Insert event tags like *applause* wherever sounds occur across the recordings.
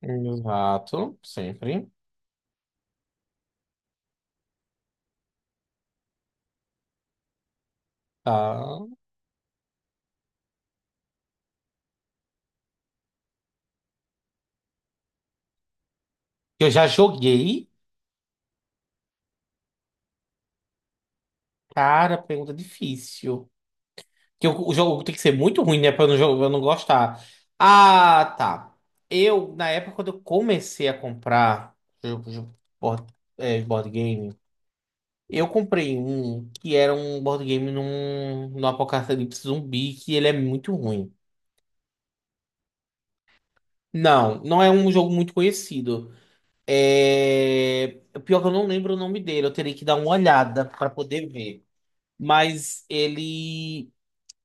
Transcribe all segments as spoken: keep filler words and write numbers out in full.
Exato, sempre. Tá. Eu já joguei. Cara, pergunta difícil. Que o, o jogo tem que ser muito ruim, né? Pra eu não, jo- eu não gostar. Ah, tá. Eu, na época, quando eu comecei a comprar jogo, jogo- board, é, board game, eu comprei um que era um board game num, num apocalipse zumbi, que ele é muito ruim. Não, não é um jogo muito conhecido. É... Pior que eu não lembro o nome dele, eu teria que dar uma olhada pra poder ver. Mas ele.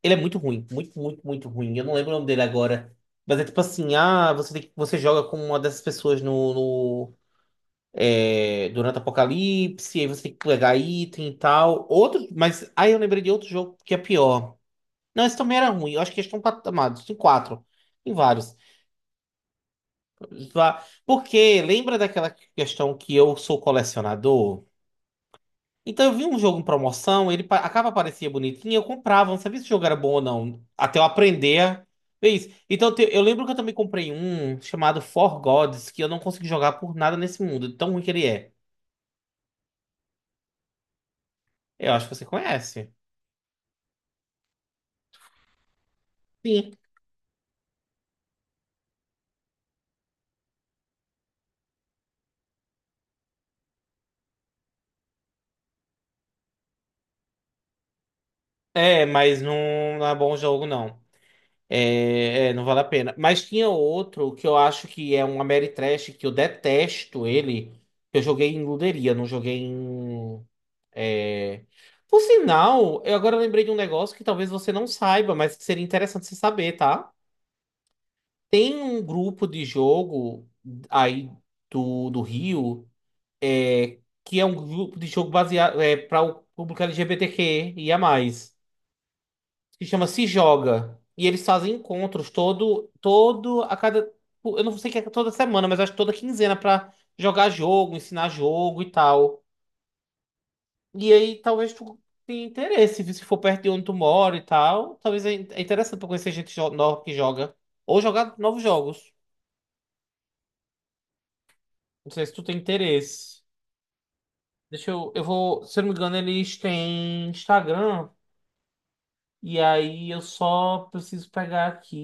Ele é muito ruim. Muito, muito, muito ruim. Eu não lembro o nome dele agora. Mas é tipo assim, ah, você tem que- você joga com uma dessas pessoas no, no- é, durante o apocalipse, aí você tem que pegar item e tal. Outro, mas aí eu lembrei de outro jogo que é pior. Não, esse também era ruim. Eu acho que eles estão patamados. Tem quatro. Tem vários. Vá- Porque lembra daquela questão que eu sou colecionador? Então eu vi um jogo em promoção, ele, pa- a capa parecia bonitinha, eu comprava, não sabia se o jogo era bom ou não, até eu aprender a ver isso. Então te- eu lembro que eu também comprei um chamado For Gods, que eu não consegui jogar por nada nesse mundo, de tão ruim que ele é. Eu acho que você conhece. Sim. É, mas não, não é bom jogo, não. É, é, não vale a pena. Mas tinha outro que eu acho que é um Ameritrash, que eu detesto ele, que eu joguei em luderia, não joguei em. Por sinal, eu agora lembrei de um negócio que talvez você não saiba, mas que seria interessante você saber, tá? Tem um grupo de jogo aí do, do Rio, é, que é um grupo de jogo baseado é, para o público L G B T Q e a mais, que chama Se Joga. E eles fazem encontros todo, todo a cada. Eu não sei que é toda semana, mas acho que toda quinzena pra jogar jogo, ensinar jogo e tal. E aí talvez tu tenha interesse, viu? Se for perto de onde tu mora e tal. Talvez é é interessante pra conhecer gente jo- nova que joga. Ou jogar novos jogos. Não sei se tu tem interesse. Deixa eu. Eu vou. Se eu não me engano, eles têm Instagram. E aí eu só preciso pegar aqui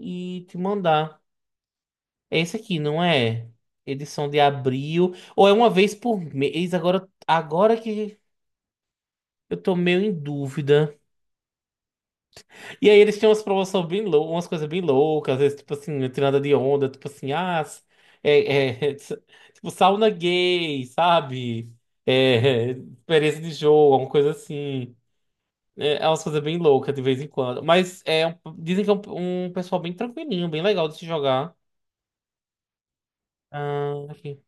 e te mandar. É esse aqui, não é? Edição de abril. Ou é uma vez por mês? Agora, agora que eu tô meio em dúvida. E aí eles tinham umas promoções bem lou umas coisas bem loucas, às vezes, tipo assim, não de onda, tipo assim, ah, s- é, é, *laughs* tipo, sauna gay, sabe? É, *laughs* experiência de jogo, alguma coisa assim. É, é umas coisas bem loucas de vez em quando. Mas é, um- dizem que é um, um pessoal bem tranquilinho, bem legal de se jogar. Ah, aqui.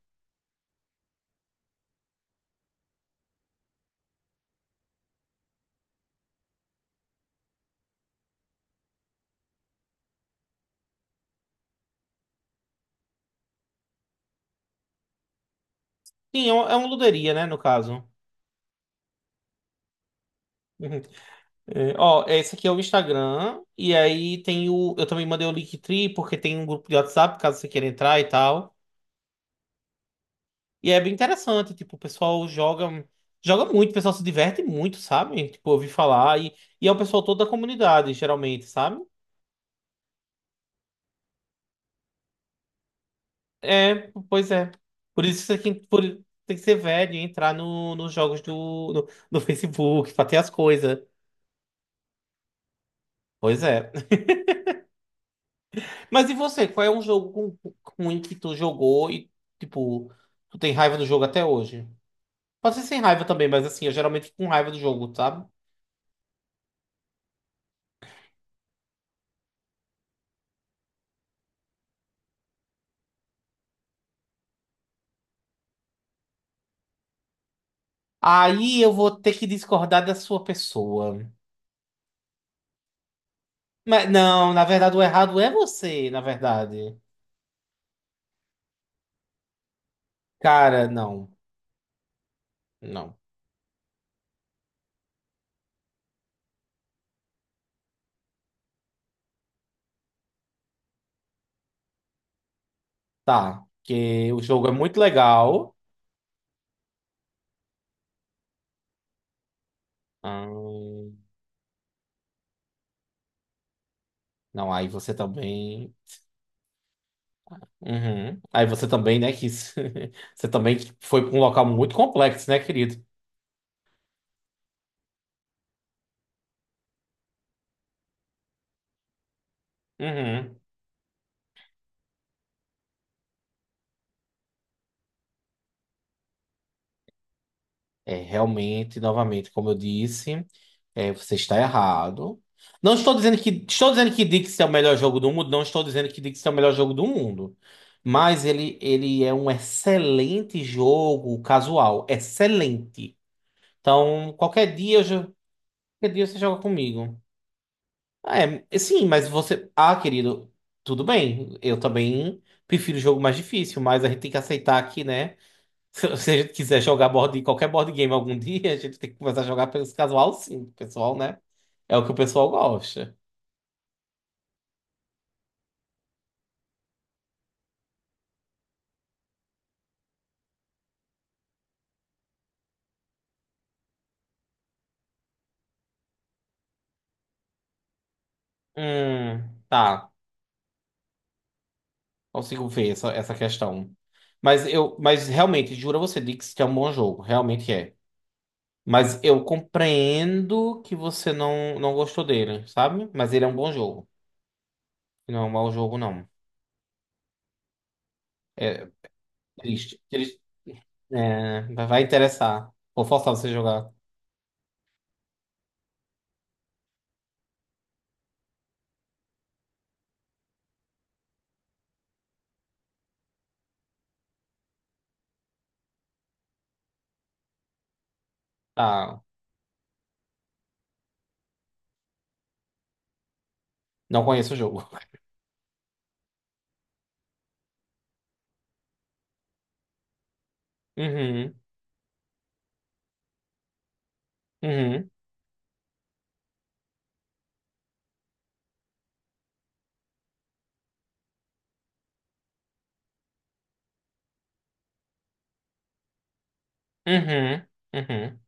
Sim, é, um- é uma luderia, né, no caso. *laughs* Uhum. É, ó, esse aqui é o Instagram, e aí tem o. Eu também mandei o Linktree, porque tem um grupo de WhatsApp, caso você queira entrar e tal. E é bem interessante, tipo, o pessoal joga, joga muito, o pessoal se diverte muito, sabe? Tipo, eu ouvi falar, e, e é o pessoal todo da comunidade, geralmente, sabe? É, pois é. Por isso que você tem que, por- tem que ser velho e entrar no, nos jogos do, no, no Facebook pra ter as coisas. Pois é. *laughs* Mas e você, qual é um jogo ruim que tu jogou e, tipo, tu tem raiva do jogo até hoje? Pode ser sem raiva também, mas assim, eu geralmente fico com raiva do jogo, sabe? Aí eu vou ter que discordar da sua pessoa. Mas não, na verdade, o errado é você, na verdade. Cara, não. Não. Tá. Porque o jogo é muito legal. Ahn, não, aí você também. Uhum. Aí você também, né, quis. *laughs* Você também foi pra um local muito complexo, né, querido? Uhum. É, realmente, novamente, como eu disse, é, você está errado. Não estou dizendo que estou dizendo que Dixie é o melhor jogo do mundo, não estou dizendo que Dixie é o melhor jogo do mundo, mas ele, ele é um excelente jogo casual, excelente. Então, qualquer dia, eu jo- qualquer dia você joga comigo. É, sim, mas você, ah, querido, tudo bem. Eu também prefiro o jogo mais difícil, mas a gente tem que aceitar aqui, né? *laughs* Se você quiser jogar board, qualquer board game algum dia, a gente tem que começar a jogar pelos casual, sim, o pessoal, né? É o que o pessoal gosta. Hum, tá. Consigo ver essa, essa questão. Mas eu, mas realmente, juro a você, Dix, que é um bom jogo, realmente é. Mas eu compreendo que você não, não gostou dele, sabe? Mas ele é um bom jogo. Não é um mau jogo, não. É triste. Triste. É, vai interessar. Vou forçar você a jogar. Tá. Não conheço o jogo. *laughs* Uhum. Uhum. Uhum, uhum.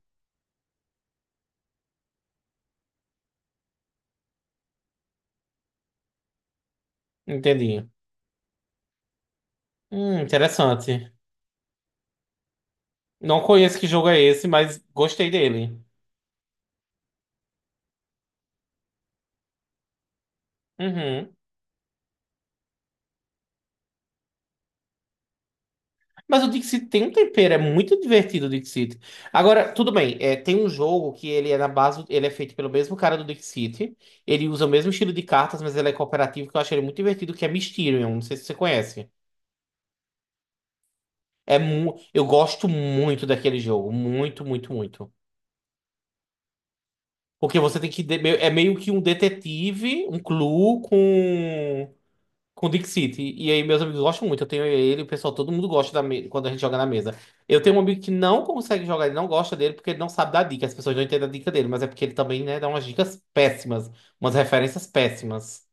Entendi. Hum, interessante. Não conheço que jogo é esse, mas gostei dele. Uhum. Mas o Dixit tem um tempero, é muito divertido o Dixit. Agora, tudo bem, é, tem um jogo que ele é na base, ele é feito pelo mesmo cara do Dixit. Ele usa o mesmo estilo de cartas, mas ele é cooperativo, que eu acho ele muito divertido, que é Mysterium. Não sei se você conhece. É mu eu gosto muito daquele jogo, muito, muito, muito. Porque você tem que. De- É meio que um detetive, um clue com. Com o Dick City. E aí meus amigos gostam muito. Eu tenho ele, o pessoal, todo mundo gosta da me- quando a gente joga na mesa. Eu tenho um amigo que não consegue jogar, ele não gosta dele porque ele não sabe dar dica. As pessoas não entendem a dica dele, mas é porque ele também, né, dá umas dicas péssimas, umas referências péssimas.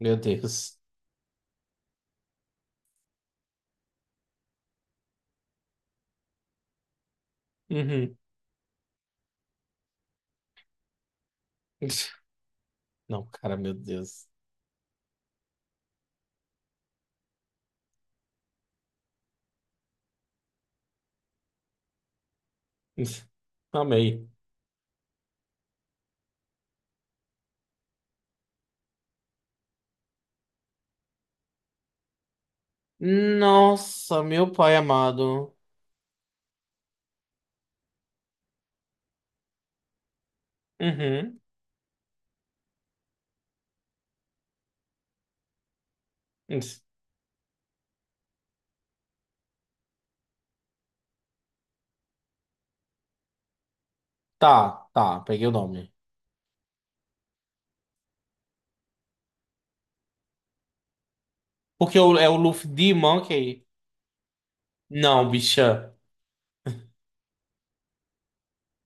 Meu Deus. Uhum. *laughs* Não, cara, meu Deus. *laughs* Amei. Nossa, meu pai amado. Uhum. Tá, tá, peguei o nome. Porque o- é o Luffy de Monkey. Não, bicha.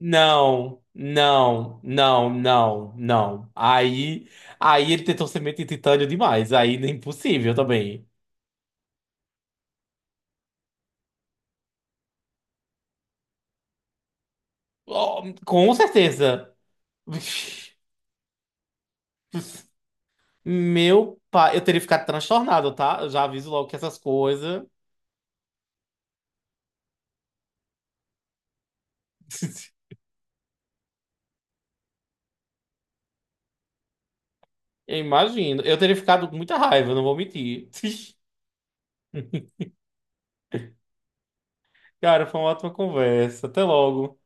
Não, não, não, não, não. Aí, aí ele tentou semente de titânio demais. Aí é impossível também. Ó, com certeza. Meu pai, eu teria ficado transtornado, tá? Eu já aviso logo que essas coisas. *laughs* Eu imagino. Eu teria ficado com muita raiva, não vou mentir. *laughs* Cara, foi uma ótima conversa. Até logo.